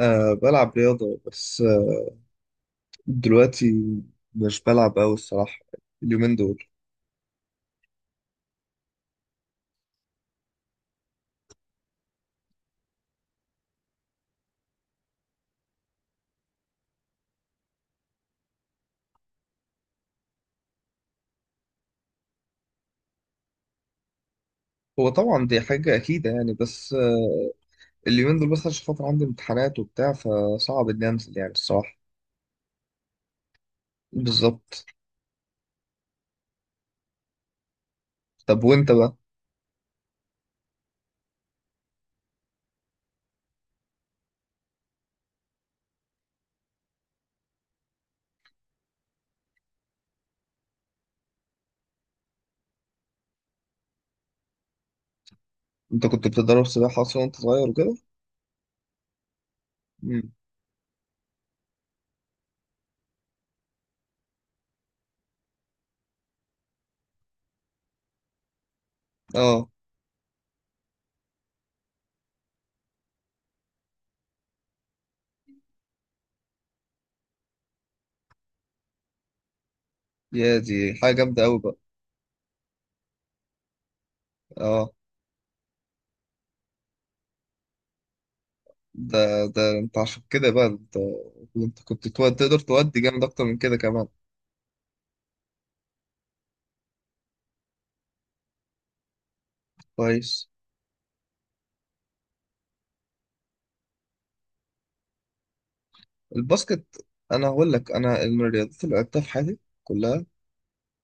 بلعب رياضة، بس دلوقتي مش بلعب أوي الصراحة، اليومين دول. هو طبعا دي حاجة أكيدة يعني، بس اليومين دول بس عشان خاطر عندي امتحانات وبتاع، فصعب إني أنزل يعني الصراحة. بالظبط. طب وأنت بقى؟ أنت كنت بتتدرب سباحة أصلا وأنت صغير وكده؟ مم. أه، يا دي حاجة جامدة أوي بقى. أه، ده أنت عشان كده بقى، أنت كنت تقدر تودي جامد أكتر من كده كمان. كويس. الباسكت، انا هقول لك، انا من الرياضات اللي لعبتها في حياتي كلها،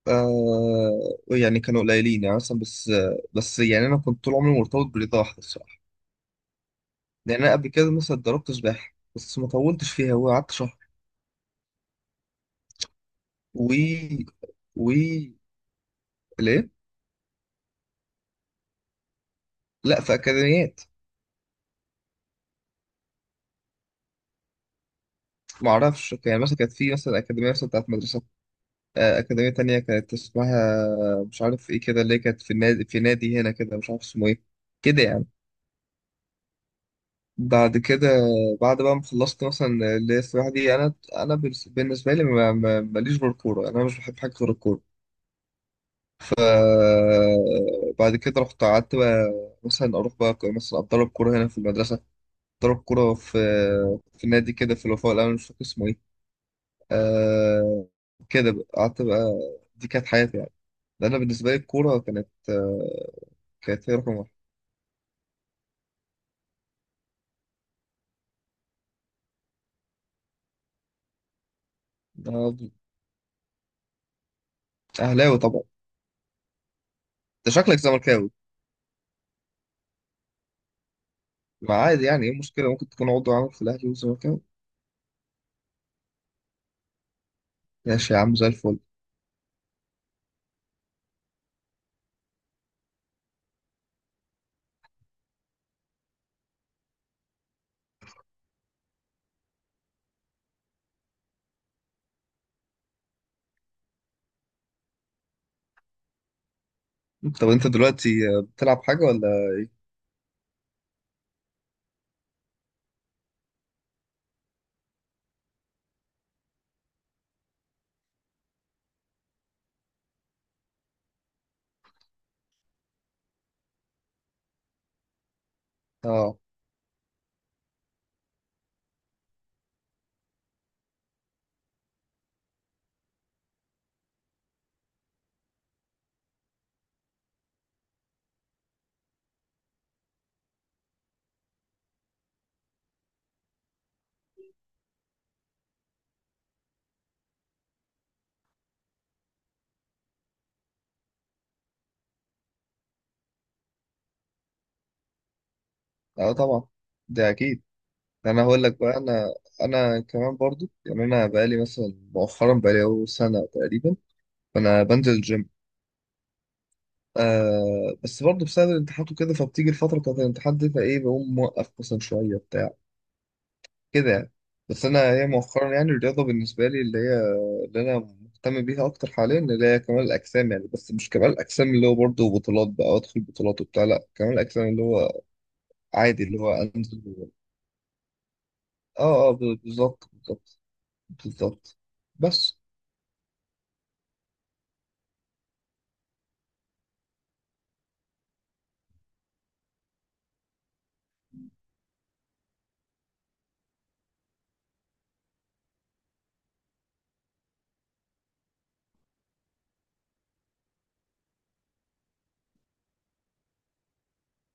آه، يعني كانوا قليلين يعني، مثلا، بس يعني انا كنت طول عمري مرتبط برياضه واحده الصراحه. يعني انا قبل كده مثلا اتدربت سباحه، بس ما طولتش فيها وقعدت شهر و و ليه. لا، في اكاديميات. ما اعرفش، يعني مثلا كانت في مثلا اكاديميه مثلا بتاعت مدرسه، آه، اكاديميه تانية كانت اسمها مش عارف ايه كده، اللي هي كانت في النادي، في نادي هنا كده، مش عارف اسمه ايه، كده يعني. بعد كده، بعد بقى ما خلصت مثلا اللي هي السباحة دي، أنا بالنس- بالنسبة لي، ماليش غير الكورة، أنا مش بحب حاجة غير الكورة. آه، بعد كده رحت قعدت بقى، مثلا أروح بقى مثلا أتدرب كورة هنا في المدرسة، أتدرب كورة في في نادي كده في الوفاء الأول، مش فاكر اسمه إيه. آه، كده بقى قعدت بقى، دي كانت حياتي يعني، ده أنا بالنسبة لي الكورة كانت، آه، كانت هي رقم واحد. أنا أهلاوي طبعا. أنت شكلك زملكاوي. ما عادي، يعني إيه المشكلة؟ ممكن تكون عضو عامل في الأهلي وزملكاوي. ماشي يا عم، زي الفل. طب انت دلوقتي، آه، بتلعب حاجة ولا ايه؟ اه، اه، طبعا، ده اكيد. انا هقول لك بقى، انا كمان برضو، يعني انا بقالي مثلا مؤخرا، بقالي اهو سنة تقريبا، فانا بنزل الجيم، آه، بس برضو بسبب الامتحانات وكده، فبتيجي الفترة بتاعت الامتحان دي فايه بقوم موقف مثلا شوية، بتاع كده يعني. بس انا هي مؤخرا يعني الرياضه بالنسبه لي اللي هي، اللي انا مهتم بيها اكتر حاليا، اللي هي كمال الاجسام، يعني بس مش كمال الاجسام اللي هو برضه بطولات بقى وادخل بطولات وبتاع، لا كمال الاجسام اللي هو عادي، اللي هو انزل اه، اه، بالظبط. بالظبط. بس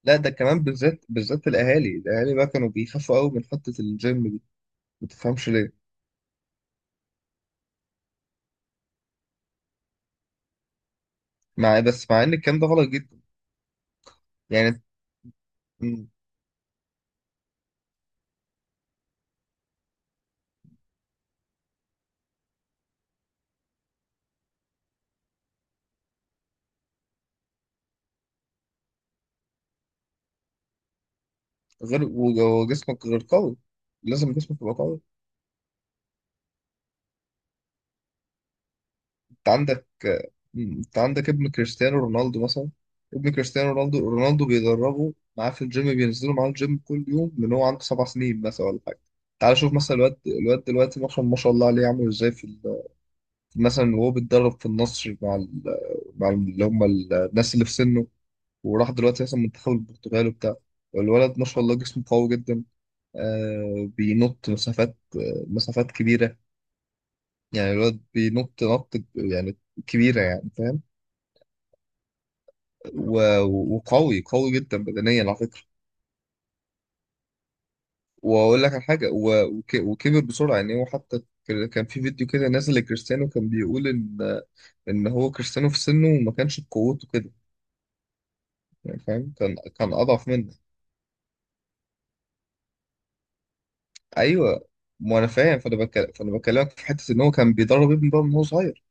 لا، ده كمان بالذات، الاهالي بقى كانوا بيخافوا قوي من حته الجيم دي، ما تفهمش ليه. مع إيه؟ بس مع ان الكلام ده غلط جدا. يعني م، غير، وجسمك غير قوي، لازم جسمك يبقى قوي. انت عندك انت عندك ابن كريستيانو رونالدو مثلا، ابن كريستيانو رونالدو رونالدو بيدربه معاه في الجيم، بينزلوا معاه الجيم كل يوم من هو عنده 7 سنين مثلا ولا حاجه. تعال شوف مثلا الواد دلوقتي، مثلا ما شاء الله عليه عامل ازاي في مثلا وهو بيتدرب في النصر مع مع اللي هم الناس اللي في سنه، وراح دلوقتي مثلا منتخب البرتغال وبتاع، والولد ما شاء الله جسمه قوي جدا، آه، بينط مسافات، آه، مسافات كبيره، يعني الولد بينط نط يعني كبيره، يعني فاهم، وقوي، قوي جدا بدنيا على فكرة. واقول لك على حاجة، وكبر بسرعة، يعني هو حتى كان في فيديو كده نازل لكريستيانو كان بيقول ان ان هو كريستيانو في سنه ما كانش بقوته كده، يعني فاهم، كان اضعف منه. ايوه، ما انا فاهم، فانا بكلمك في حتة ان هو كان بيدرب ابنه بقى من هو صغير.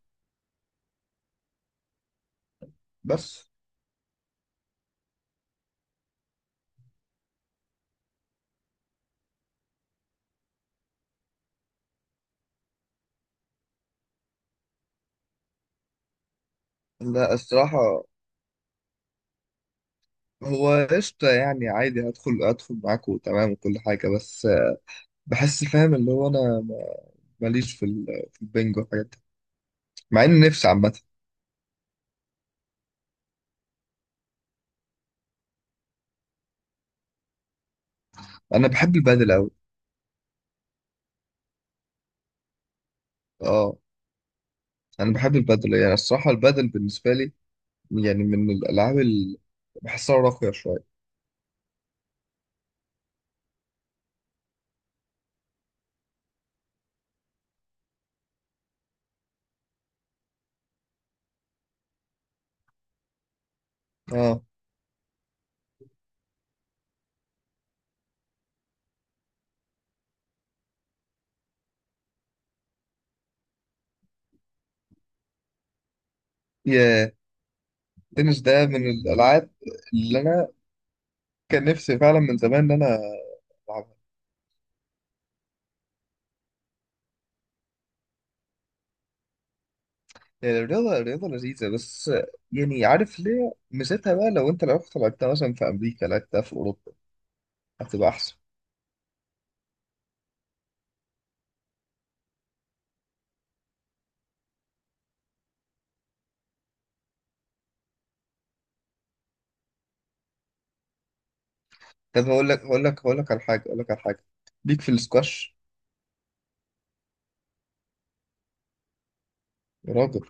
بس لا الصراحة، هو قشطة يعني، عادي هدخل معاك، وتمام وكل حاجة، بس بحس فاهم اللي هو انا ماليش في في البنج والحاجات، مع ان نفسي عامه. انا بحب البادل قوي. اه، انا بحب البادل، يعني الصراحه البادل بالنسبه لي يعني من الالعاب اللي بحسها راقيه شويه. اه، يا، التنس ده من الالعاب اللي انا كان نفسي فعلا من زمان ان انا العبها، يعني الرياضه، الرياضه لذيذه، بس يعني عارف ليه ميزتها بقى؟ لو انت لو رحت لعبتها مثلا في امريكا، لعبتها في اوروبا، هتبقى احسن. طب هقول لك على حاجه، ليك في السكواش. يا راجل،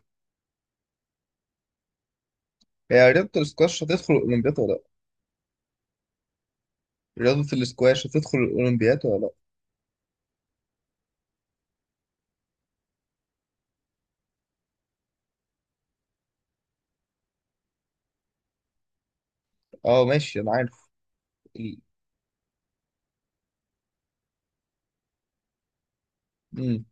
هي رياضه السكواش هتدخل الاولمبياد ولا لأ؟ رياضة الاسكواش هتدخل الأولمبياد ولا لأ؟ اه ماشي، أنا عارف. ال- مم.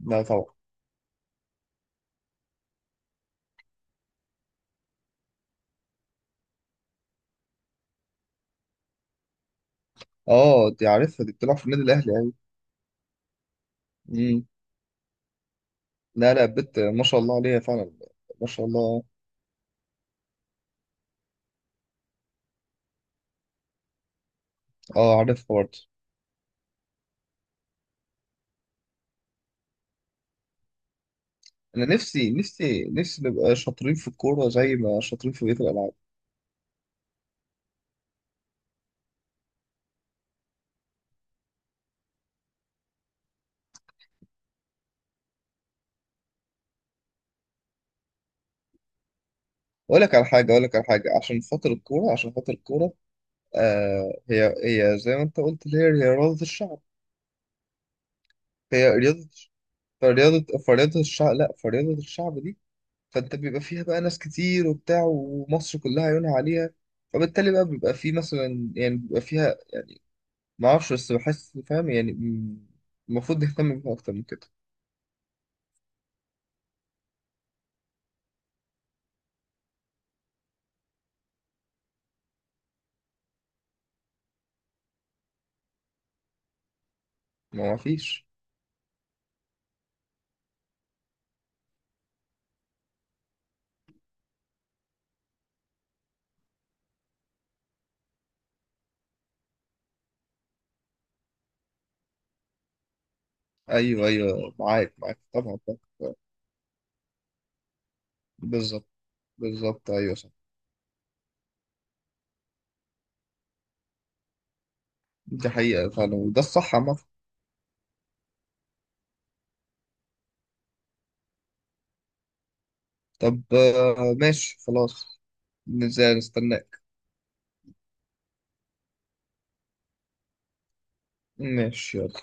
لا طبعا. اه، دي عارفها، دي بتلعب في النادي الأهلي أوي. مم. لا لا، بت ما شاء الله عليها فعلا، ما شاء الله. اه عارفها برضه. أنا نفسي نبقى شاطرين في الكورة زي ما شاطرين في بقية الألعاب. أقول لك على حاجة، عشان خاطر الكورة، آه، هي هي زي ما أنت قلت، اللي هي هي رياضة الشعب. هي رياضة، فرياضة الشعب، لا فرياضة الشعب دي فانت بيبقى فيها بقى ناس كتير وبتاع، ومصر كلها عيونها عليها، فبالتالي بقى بيبقى في مثلا يعني بيبقى فيها، ما اعرفش، بس بحس فاهم يعني، المفروض نهتم بيها اكتر من كده. ما ما فيش. ايوه، معاك طبعا. طبعاً. بالظبط. بالظبط، ايوه، صح، دي حقيقة فعلا، وده الصح عامة. طب آه، ماشي، خلاص، نزل نستناك. ماشي، يلا.